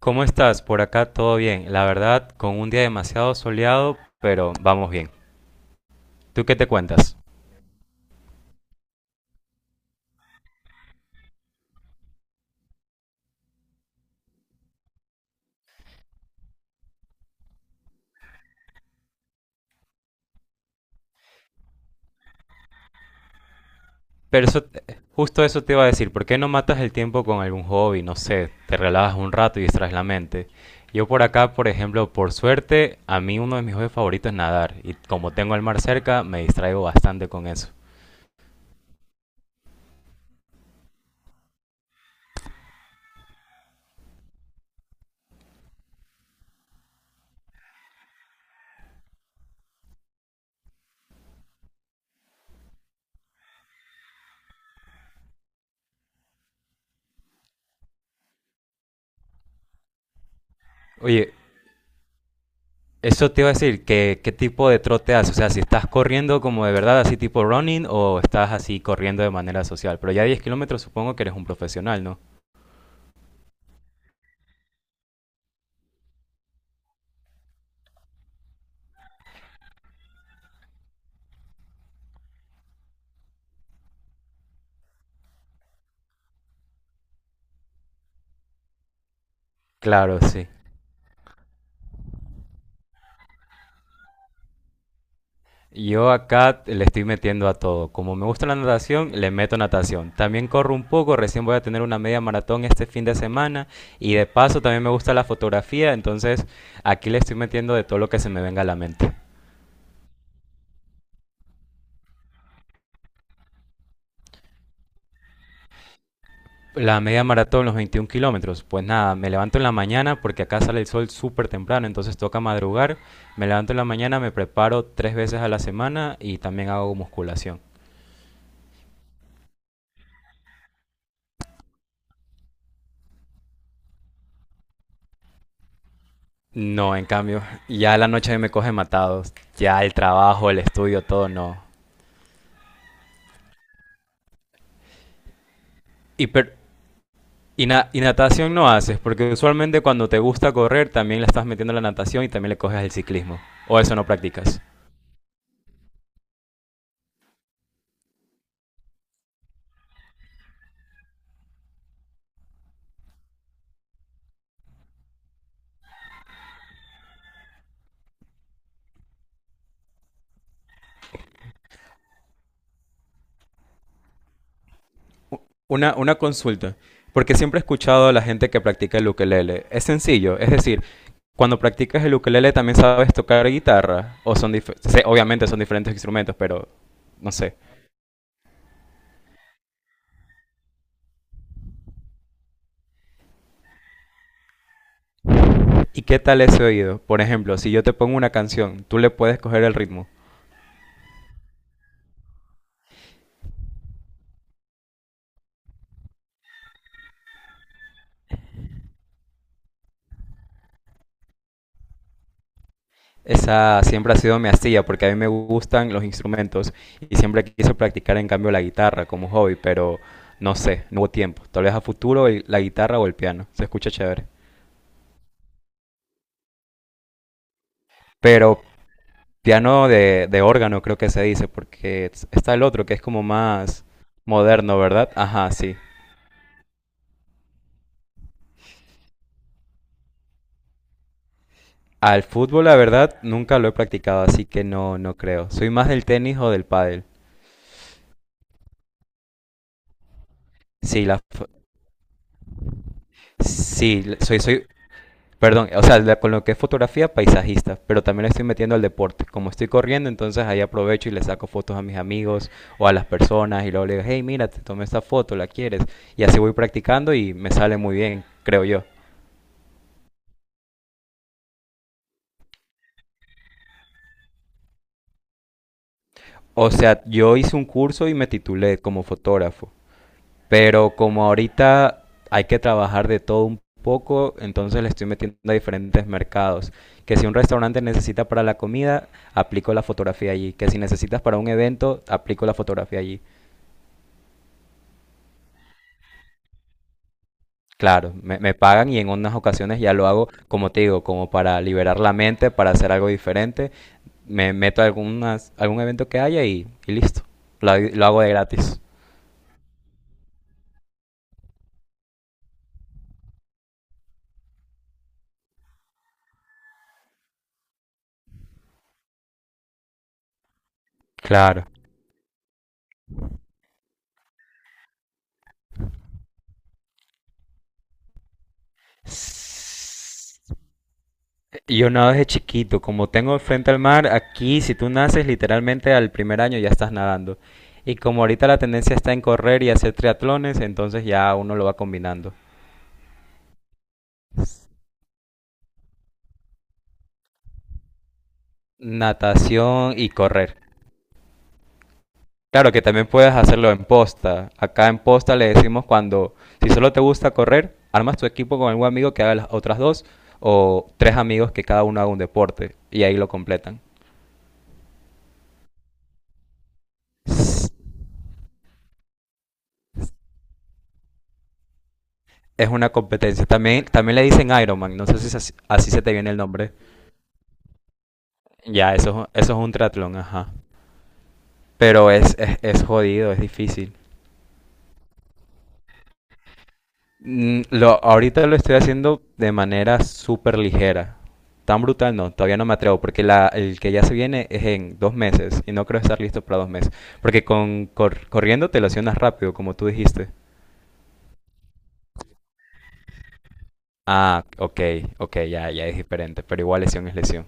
¿Cómo estás? Por acá todo bien. La verdad, con un día demasiado soleado, pero vamos bien. ¿Tú qué te cuentas? Pero eso, justo eso te iba a decir. ¿Por qué no matas el tiempo con algún hobby? No sé, te relajas un rato y distraes la mente. Yo por acá, por ejemplo, por suerte, a mí uno de mis hobbies favoritos es nadar. Y como tengo el mar cerca, me distraigo bastante con eso. Oye, eso te iba a decir, ¿qué tipo de trote haces? O sea, si estás corriendo como de verdad, así tipo running, o estás así corriendo de manera social. Pero ya 10 km supongo que eres un profesional, ¿no? Claro, sí. Yo acá le estoy metiendo a todo. Como me gusta la natación, le meto natación. También corro un poco, recién voy a tener una media maratón este fin de semana. Y de paso también me gusta la fotografía, entonces aquí le estoy metiendo de todo lo que se me venga a la mente. La media maratón, los 21 km. Pues nada, me levanto en la mañana porque acá sale el sol súper temprano, entonces toca madrugar. Me levanto en la mañana, me preparo tres veces a la semana y también hago musculación. No, en cambio, ya la noche me coge matado. Ya el trabajo, el estudio, todo no. Y, per- y natación no haces, porque usualmente cuando te gusta correr también le estás metiendo la natación y también le coges el ciclismo. O eso no practicas. Una consulta, porque siempre he escuchado a la gente que practica el ukelele. Es sencillo, es decir, cuando practicas el ukelele también sabes tocar guitarra o obviamente son diferentes instrumentos, pero no sé. ¿Y qué tal ese oído? Por ejemplo, si yo te pongo una canción, tú le puedes coger el ritmo. Esa siempre ha sido mi astilla porque a mí me gustan los instrumentos y siempre quise practicar en cambio la guitarra como hobby, pero no sé, no hubo tiempo. Tal vez a futuro la guitarra o el piano, se escucha chévere. Pero piano de órgano creo que se dice porque está el otro que es como más moderno, ¿verdad? Ajá, sí. Al fútbol, la verdad, nunca lo he practicado, así que no, no creo. Soy más del tenis o del pádel. Sí, sí, soy, perdón, o sea, con lo que es fotografía, paisajista, pero también le estoy metiendo al deporte. Como estoy corriendo, entonces ahí aprovecho y le saco fotos a mis amigos o a las personas y luego le digo, hey, mira, te tomé esta foto, ¿la quieres? Y así voy practicando y me sale muy bien, creo yo. O sea, yo hice un curso y me titulé como fotógrafo. Pero como ahorita hay que trabajar de todo un poco, entonces le estoy metiendo a diferentes mercados. Que si un restaurante necesita para la comida, aplico la fotografía allí. Que si necesitas para un evento, aplico la fotografía allí. Claro, me pagan y en unas ocasiones ya lo hago, como te digo, como para liberar la mente, para hacer algo diferente. Me meto a algún evento que haya y listo. Lo hago de gratis. Claro. Yo nado desde chiquito, como tengo frente al mar, aquí si tú naces literalmente al primer año ya estás nadando. Y como ahorita la tendencia está en correr y hacer triatlones, entonces ya uno lo va combinando. Natación y correr. Claro que también puedes hacerlo en posta. Acá en posta le decimos cuando, si solo te gusta correr, armas tu equipo con algún amigo que haga las otras dos o tres amigos que cada uno haga un deporte y ahí lo completan. Es una competencia. También le dicen Ironman, no sé si es así, así se te viene el nombre. Ya, eso, eso es un triatlón, ajá. Pero es jodido, es difícil. Ahorita lo estoy haciendo de manera súper ligera. Tan brutal no, todavía no me atrevo, porque el que ya se viene es en 2 meses y no creo estar listo para 2 meses. Porque con corriendo te lesionas rápido, como tú dijiste. Ah, ok, ok, ya, ya es diferente, pero igual lesión es lesión.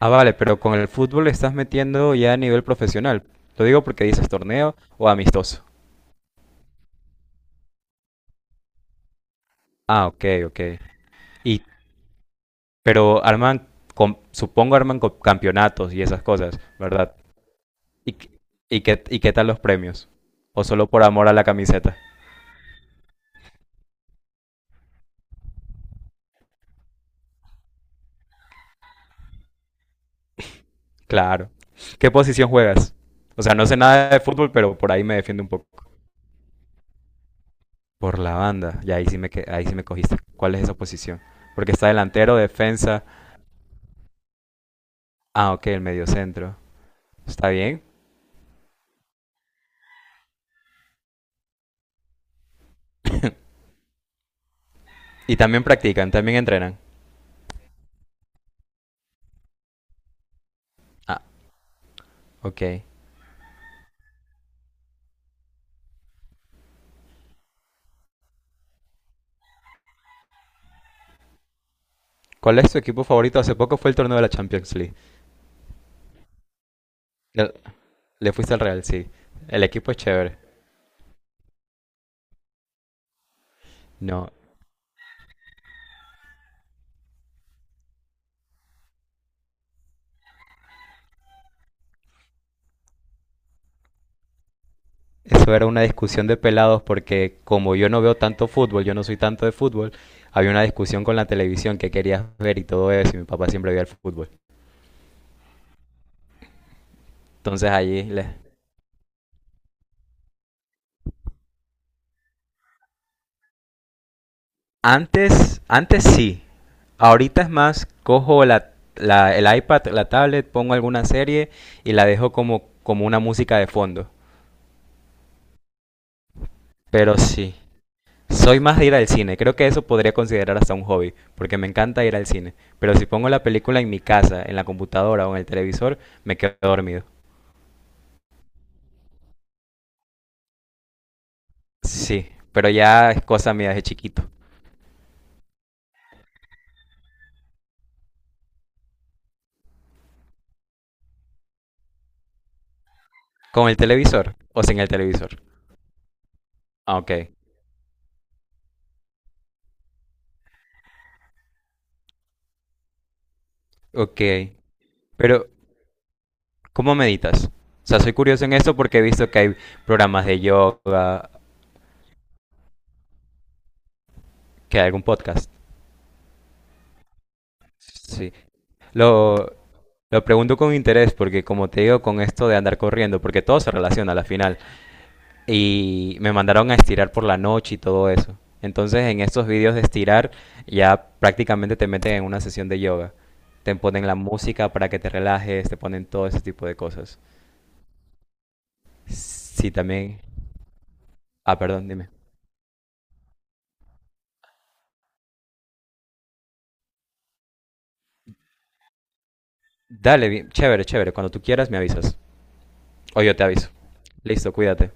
Ah, vale, pero con el fútbol le estás metiendo ya a nivel profesional. Lo digo porque dices torneo o amistoso. Ah, ok, ok. Y, pero supongo arman campeonatos y esas cosas, ¿verdad? ¿Y, qué- y qué tal los premios? ¿O solo por amor a la camiseta? Claro. ¿Qué posición juegas? O sea, no sé nada de fútbol, pero por ahí me defiendo un poco. Por la banda. Y ahí sí me cogiste. ¿Cuál es esa posición? Porque está delantero, defensa. Ah, ok, el mediocentro. Está bien. Y también practican, también entrenan. Ah, ok. ¿Cuál es tu equipo favorito? Hace poco fue el torneo de la Champions League. Le, le fuiste al Real, sí. El equipo es chévere. No, eso era una discusión de pelados porque como yo no veo tanto fútbol, yo no soy tanto de fútbol, había una discusión con la televisión que querías ver y todo eso, y mi papá siempre veía el fútbol. Entonces allí les. Antes sí. Ahorita es más, cojo el iPad, la tablet, pongo alguna serie y la dejo como, como una música de fondo. Pero sí, soy más de ir al cine. Creo que eso podría considerar hasta un hobby, porque me encanta ir al cine. Pero si pongo la película en mi casa, en la computadora o en el televisor, me quedo dormido. Sí, pero ya es cosa mía de chiquito. ¿Con el televisor o sin el televisor? Ah, ok, ok. Pero, ¿cómo meditas? O sea, soy curioso en esto porque he visto que hay programas de yoga, que hay algún podcast. Sí, lo, lo pregunto con interés porque, como te digo, con esto de andar corriendo, porque todo se relaciona a la final. Y me mandaron a estirar por la noche y todo eso. Entonces en estos vídeos de estirar ya prácticamente te meten en una sesión de yoga. Te ponen la música para que te relajes, te ponen todo ese tipo de cosas. Sí, también. Ah, perdón, dime. Dale, bien, chévere, chévere. Cuando tú quieras me avisas. O yo te aviso. Listo, cuídate.